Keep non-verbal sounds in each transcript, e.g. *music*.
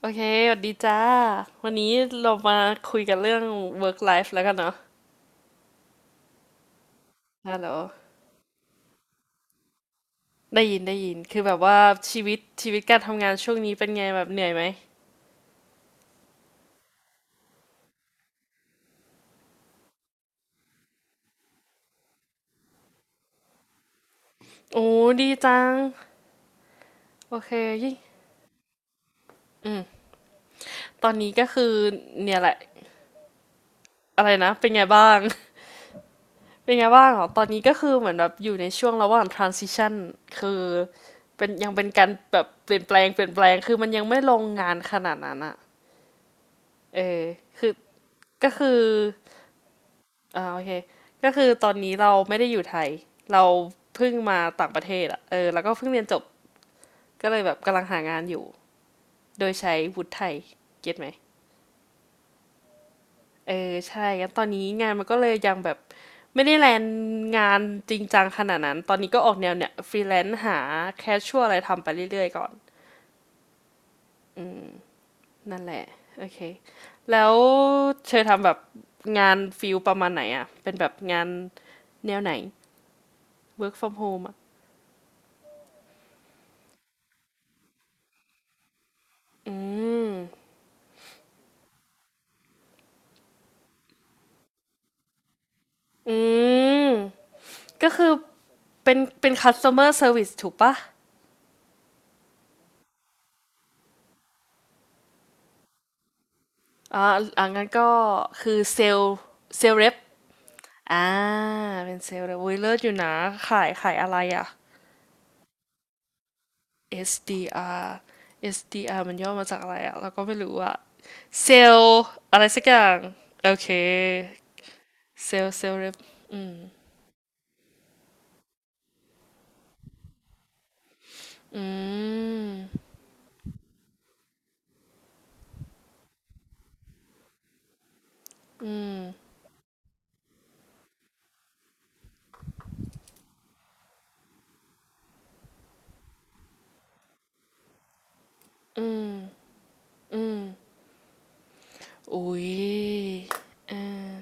โอเคสวัสดีจ้าวันนี้เรามาคุยกันเรื่อง work life แล้วกันเนาะฮัลโหลได้ยินได้ยินคือแบบว่าชีวิตการทำงานช่วงนี้เป็นไงแบบเหนื่อยไหมโอ้ดีจัง โอเคยิ่งตอนนี้ก็คือเนี่ยแหละ อะไรนะเป็นไงบ้าง *laughs* เป็นไงบ้างเหรอตอนนี้ก็คือเหมือนแบบอยู่ในช่วงระหว่าง transition คือเป็นยังเป็นการแบบเปลี่ยนแปลงเปลี่ยนแปลงคือมันยังไม่ลงงานขนาดนั้นอะเออคือก็คือ อ่าโอเคก็คือตอนนี้เราไม่ได้อยู่ไทยเราเพิ่งมาต่างประเทศอะเออแล้วก็เพิ่งเรียนจบก็เลยแบบกำลังหางานอยู่โดยใช้วุฒิไทยเก็ตไหมเออใช่งั้นตอนนี้งานมันก็เลยยังแบบไม่ได้แลนงานจริงจังขนาดนั้นตอนนี้ก็ออกแนวเนี่ยฟรีแลนซ์หาแคชชัวอะไรทำไปเรื่อยๆก่อนนั่นแหละโอเคแล้วเธอทำแบบงานฟิลประมาณไหนอ่ะเป็นแบบงานแนวไหน work from home อะอืมอืม ก็คือเป็น customer service ถูกปะอ่าอ่างั้นก็คือเซลล์เซลล์เรปอ่าเป็นเซลล์เรปอุ้ยเลิศอยู่นะขายอะไรอ่ะ SDR SDR มันย่อมาจากอะไรอ่ะเราก็ไม่รู้อ่ะเซลล์อะไรสักอย่าง โอเคเซลล์เซลล์เรปอืมอืมอืมอุ้ยเออ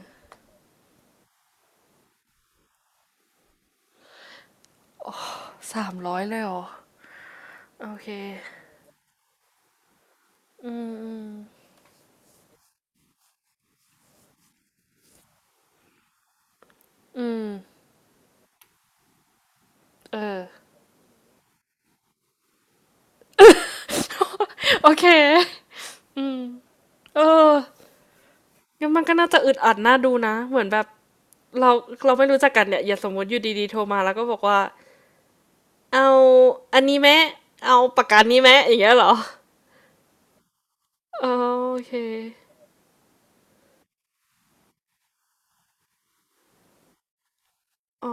สามร้อยเลยเหรอ โอเค อืม อืม อืม เออ โอเค เอองั้นมันก็น่าจะอึดอัดน่าดูนะเหมือนแบบเราเราไม่รู้จักกันเนี่ยอย่าสมมติอยู่ดีๆโทรมาแล้วก็บอกว่าเอาอันนี้แมมเอาปากกานี้แมมอย่างเงี้ยเหรอเออโอเคอ๋อ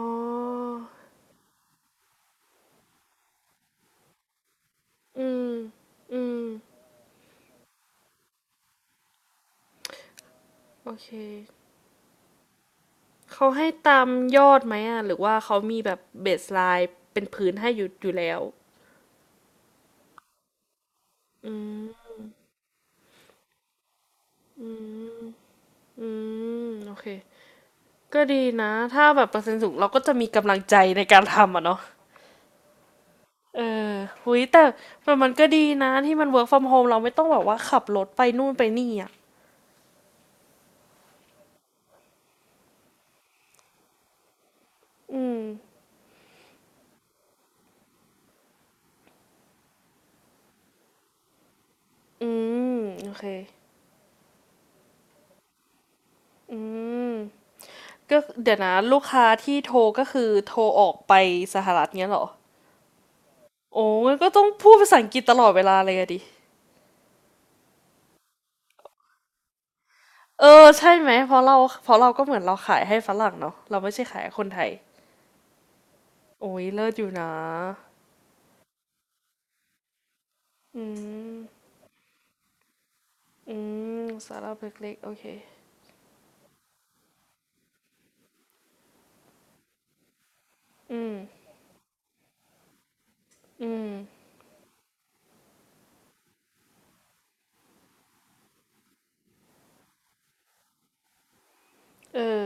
อืมอืมโอเคเขาให้ตามยอดไหมอ่ะหรือว่าเขามีแบบเบสไลน์เป็นพื้นให้อยู่แล้วอืมอืมอืมโอเคก็ดีนะถ้าแบบเปอร์เซ็นต์สูงเราก็จะมีกำลังใจในการทำอ่ะเนาะ เอออุ๊ยแต่มันก็ดีนะที่มัน work from home เราไม่ต้องแบบว่าขับรถไปนู่นไปนี่อ่ะ อืมอืมโอเคอืมก็เดี๋ยวนะลูกค้าที่โทรก็คือโทรออกไปสหรัฐเงี้ยเหรอโอ้งั้นก็ต้องพูดภาษาอังกฤษตลอดเวลาเลยอะดิเออใช่ไหมเพราะเราก็เหมือนเราขายให้ฝรั่งเนาะเราไม่ใช่ขายให้คนไทยโอ้ยเลิศอยู่นะอืมอืมสตาระเล็กๆโอเคอืมอืมเออ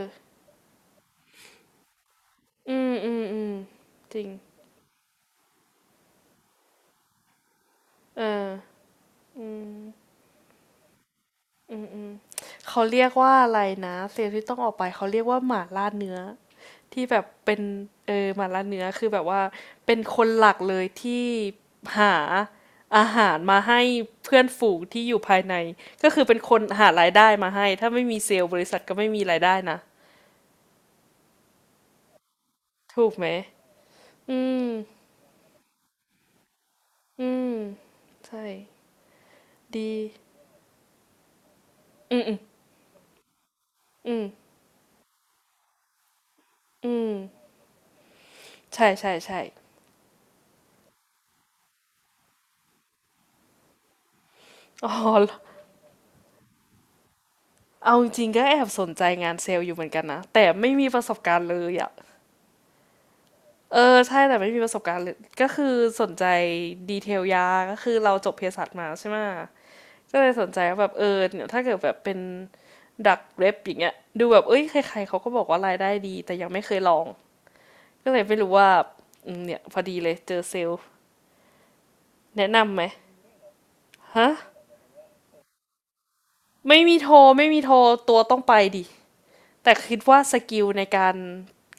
อืมอืมอืมจริงเอออืมเขาเรียกว่าอะไรนะเซลล์ที่ต้องออกไปเขาเรียกว่าหมาล่าเนื้อที่แบบเป็นเออหมาล่าเนื้อคือแบบว่าเป็นคนหลักเลยที่หาอาหารมาให้เพื่อนฝูงที่อยู่ภายในก็คือเป็นคนหารายได้มาให้ถ้าไม่มีเซลล์บริษัทก็ไม่มีรายได้นะถูกไหมอืมอืมใช่ดีอืมอืมอืมอืมใช่ใช่ใช่อ๋อ เอาจริงๆก็แอบสนใจงานเซลล์อยู่เหมือนกันนะแต่ไม่มีประสบการณ์เลยอะเออใช่แต่ไม่มีประสบการณ์เลยก็คือสนใจดีเทลยาก็คือเราจบเภสัชมาใช่ไหมก็เลยสนใจว่าแบบเออเนี่ยถ้าเกิดแบบเป็นดักเรปอย่างเงี้ยดูแบบเอ้ยใครๆเขาก็บอกว่ารายได้ดีแต่ยังไม่เคยลองก็เลยไม่รู้ว่าอืมเนี่ยพอดีเลยเจอเซลล์แนะนำไหมฮะไม่มีโทรไม่มีโทรตัวต้องไปดิแต่คิดว่าสกิลในการ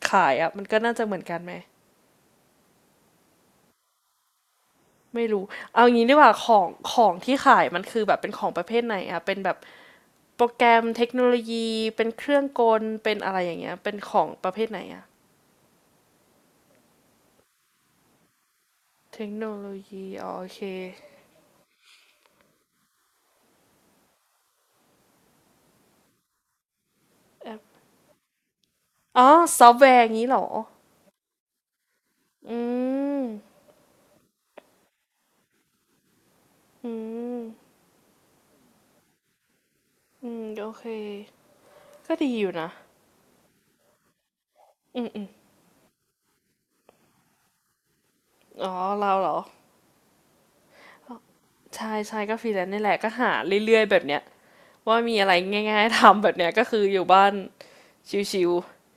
ขายอะมันก็น่าจะเหมือนกันไหม ไม่รู้ เอางี้ดีกว่าของของที่ขายมันคือแบบเป็นของประเภทไหนอะเป็นแบบโปรแกรมเทคโนโลยีเป็นเครื่องกลเป็นอะไรอย่างเงี้ยเป็นของประเภทไหนอะเทคโนโลยีอ๋อโอเคแอปอ๋อซอฟต์แวร์งี้เหรอ อืมอืมอืมโอเคก็ดีอยู่นะอืมอืมอ๋อเราเหรอ ใช่ใช่ก็ฟรีแลนซ์นี่แหละก็หาเรื่อยๆแบบเนี้ยว่ามีอะไรง่ายๆทำแบบเนี้ยก็คืออยู่บ้านชิว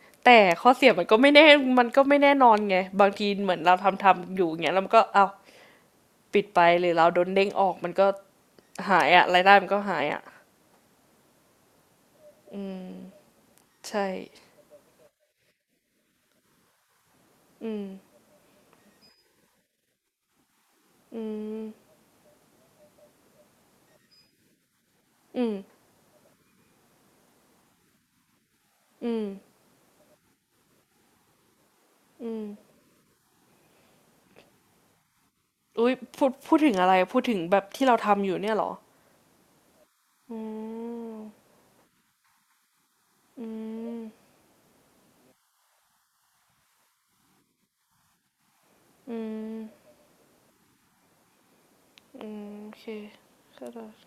ๆ แต่ข้อเสียมันก็ไม่แน่มันก็ไม่แน่นอนไงบางทีเหมือนเราทำอยู่อย่างเงี้ยแล้วมันก็เอาปิดไปหรือเราโดนเด้งออกมันก็หายอะรายได้มันก็หายอะใช่อืมอืมอืมอืมอืมอุ้ยพูดถึงอะไรพูดถึงแบบที่เราทำอยู่เนี่ยเหรออืมอืมอืมอืมโอเคก็ได้าใจ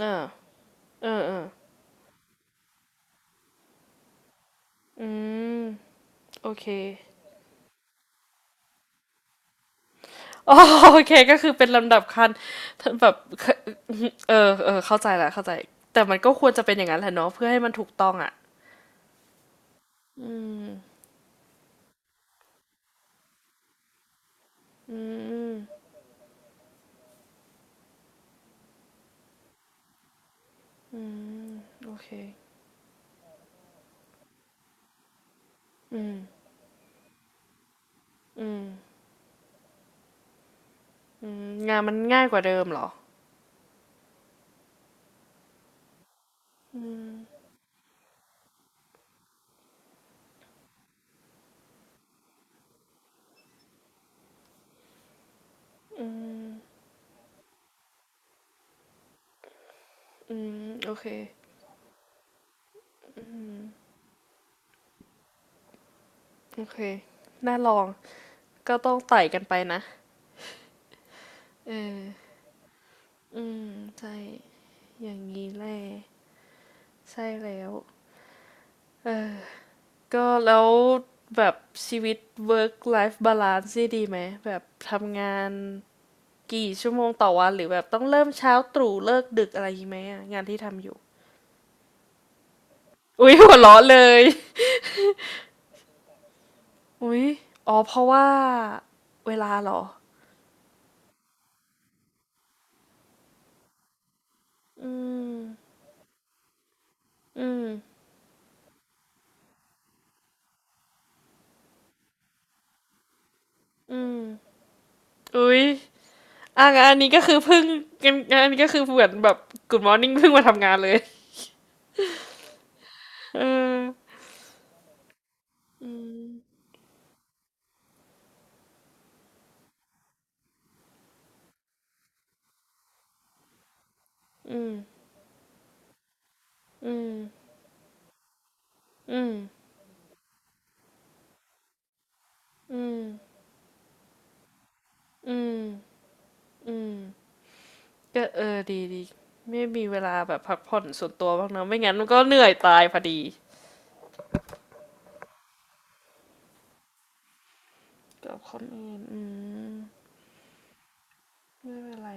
อ่าเออเอออืมโอเค อ๋อโอเคก็คือเป็นลำดับคันแบบเออเออเข้าใจและเข้าใจแต่มันก็ควรจะเป็นอย่างนั้นแหละเนาะเพื่อให้มันถูกต้องอ่ะอืมโอเคอืมงานมันง่ายกว่าเดิมเหรออืมโอเคโอเคน่าลองก็ต้องไต่กันไปนะเอออืมใช่อย่างนี้แหละใช่แล้วเออก็แล้วแบบชีวิต work life balance นี่ดีไหมแบบทำงาน กี่ชั่วโมงต่อวันหรือแบบต้องเริ่มเช้าตรู่เลิกดึกอะไรอย่างงี้ไหมอะงานที่ทำอยู่อุ้ยหัวเราะเลยอุ้ยอ๋อเพราะว่าเวลาเหรออืมอืมอืมอุ้ยอ่ะงานอันนี้ก็คือเพิ่งงานงานอันนี้ก็คือเหมือนแบบกมอร์นิ่งเพิ่งมาทำงานเลยเอออืมอืมอืมอืมอืมอืมอืมก็เออดีดีไม่มีเวลาแบบพักผ่อนส่วนตัวบ้างนะไม่งั้นมันก็เหนื่อยตายพอดี กับคนอื่นอืมไม่เป็นไร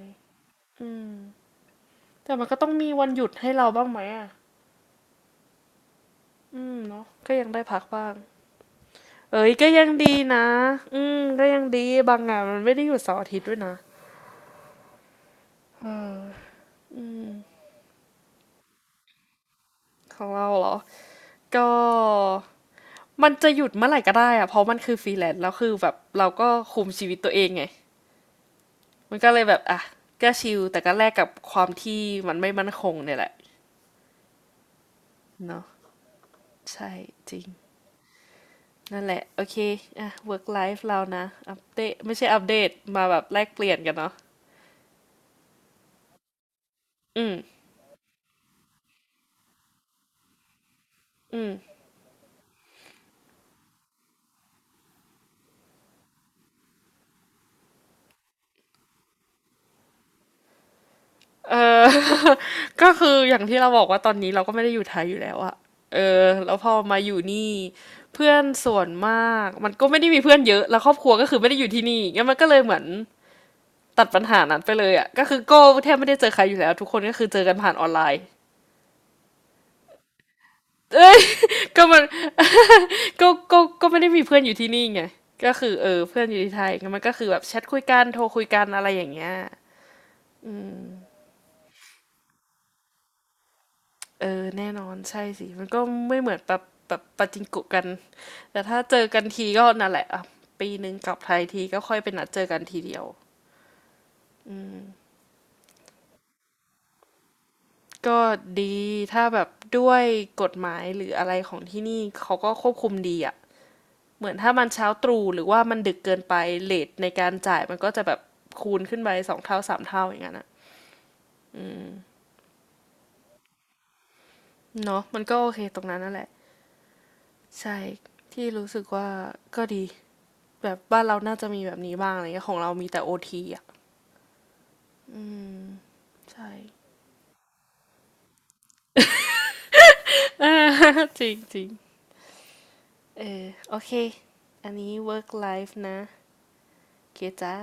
อืม แต่มันก็ต้องมีวันหยุดให้เราบ้างไหมอ่ะอืมเนาะก็ยังได้พักบ้างเอ้ยก็ยังดีนะอืมก็ยังดีบางงานมันไม่ได้หยุดเสาร์อาทิตย์ด้วยนะเออของเราเหรอก็มันจะหยุดเมื่อไหร่ก็ได้อะเพราะมันคือฟรีแลนซ์แล้วคือแบบเราก็คุมชีวิตตัวเองไงมันก็เลยแบบอ่ะก็ชิลแต่ก็แลกกับความที่มันไม่มั่นคงเนี่ยแหละเนาะใช่จริง นั่นแหละโอเคอ่ะ work life เรานะอัปเดตไม่ใช่อัปเดตมาแบบแลกเปลี่ยนกันเนาะอืมอืมก็คืออย่างที่เราบอกว่าตอนนี้เราก็ไม่ได้อยู่ไทยอยู่แล้วอะเออแล้วพอมาอยู่นี่เพื่อนส่วนมากมันก็ไม่ได้มีเพื่อนเยอะแล้วครอบครัวก็คือไม่ได้อยู่ที่นี่งั้นมันก็เลยเหมือนตัดปัญหานั้นไปเลยอะก็คือโก้แทบไม่ได้เจอใครอยู่แล้วทุกคนก็คือเจอกันผ่านออนไลน์เอ้ยก็มันก็ก็ไม่ได้มีเพื่อนอยู่ที่นี่ไงก็คือเออเพื่อนอยู่ที่ไทยงั้นมันก็คือแบบแชทคุยกันโทรคุยกันอะไรอย่างเงี้ย เออแน่นอนใช่สิมันก็ไม่เหมือนแบบแบบปาจิงโกะกันแต่ถ้าเจอกันทีก็นั่นแหละอ่ะปีหนึ่งกลับไทยทีก็ค่อยไปนัดเจอกันทีเดียวก็ดีถ้าแบบด้วยกฎหมายหรืออะไรของที่นี่เขาก็ควบคุมดีอ่ะเหมือนถ้ามันเช้าตรู่หรือว่ามันดึกเกินไปเลทในการจ่ายมันก็จะแบบคูณขึ้นไป2 เท่า 3 เท่าอย่างนั้นอะเนาะมันก็โอเคตรงนั้นนั่นแหละใช่ที่รู้สึกว่าก็ดีแบบบ้านเราน่าจะมีแบบนี้บ้างอะไรเงี้ยของเรามีแต่โอทีอ่ะใช่ จริงจริงเออโอเค อันนี้ work life นะเกจ้า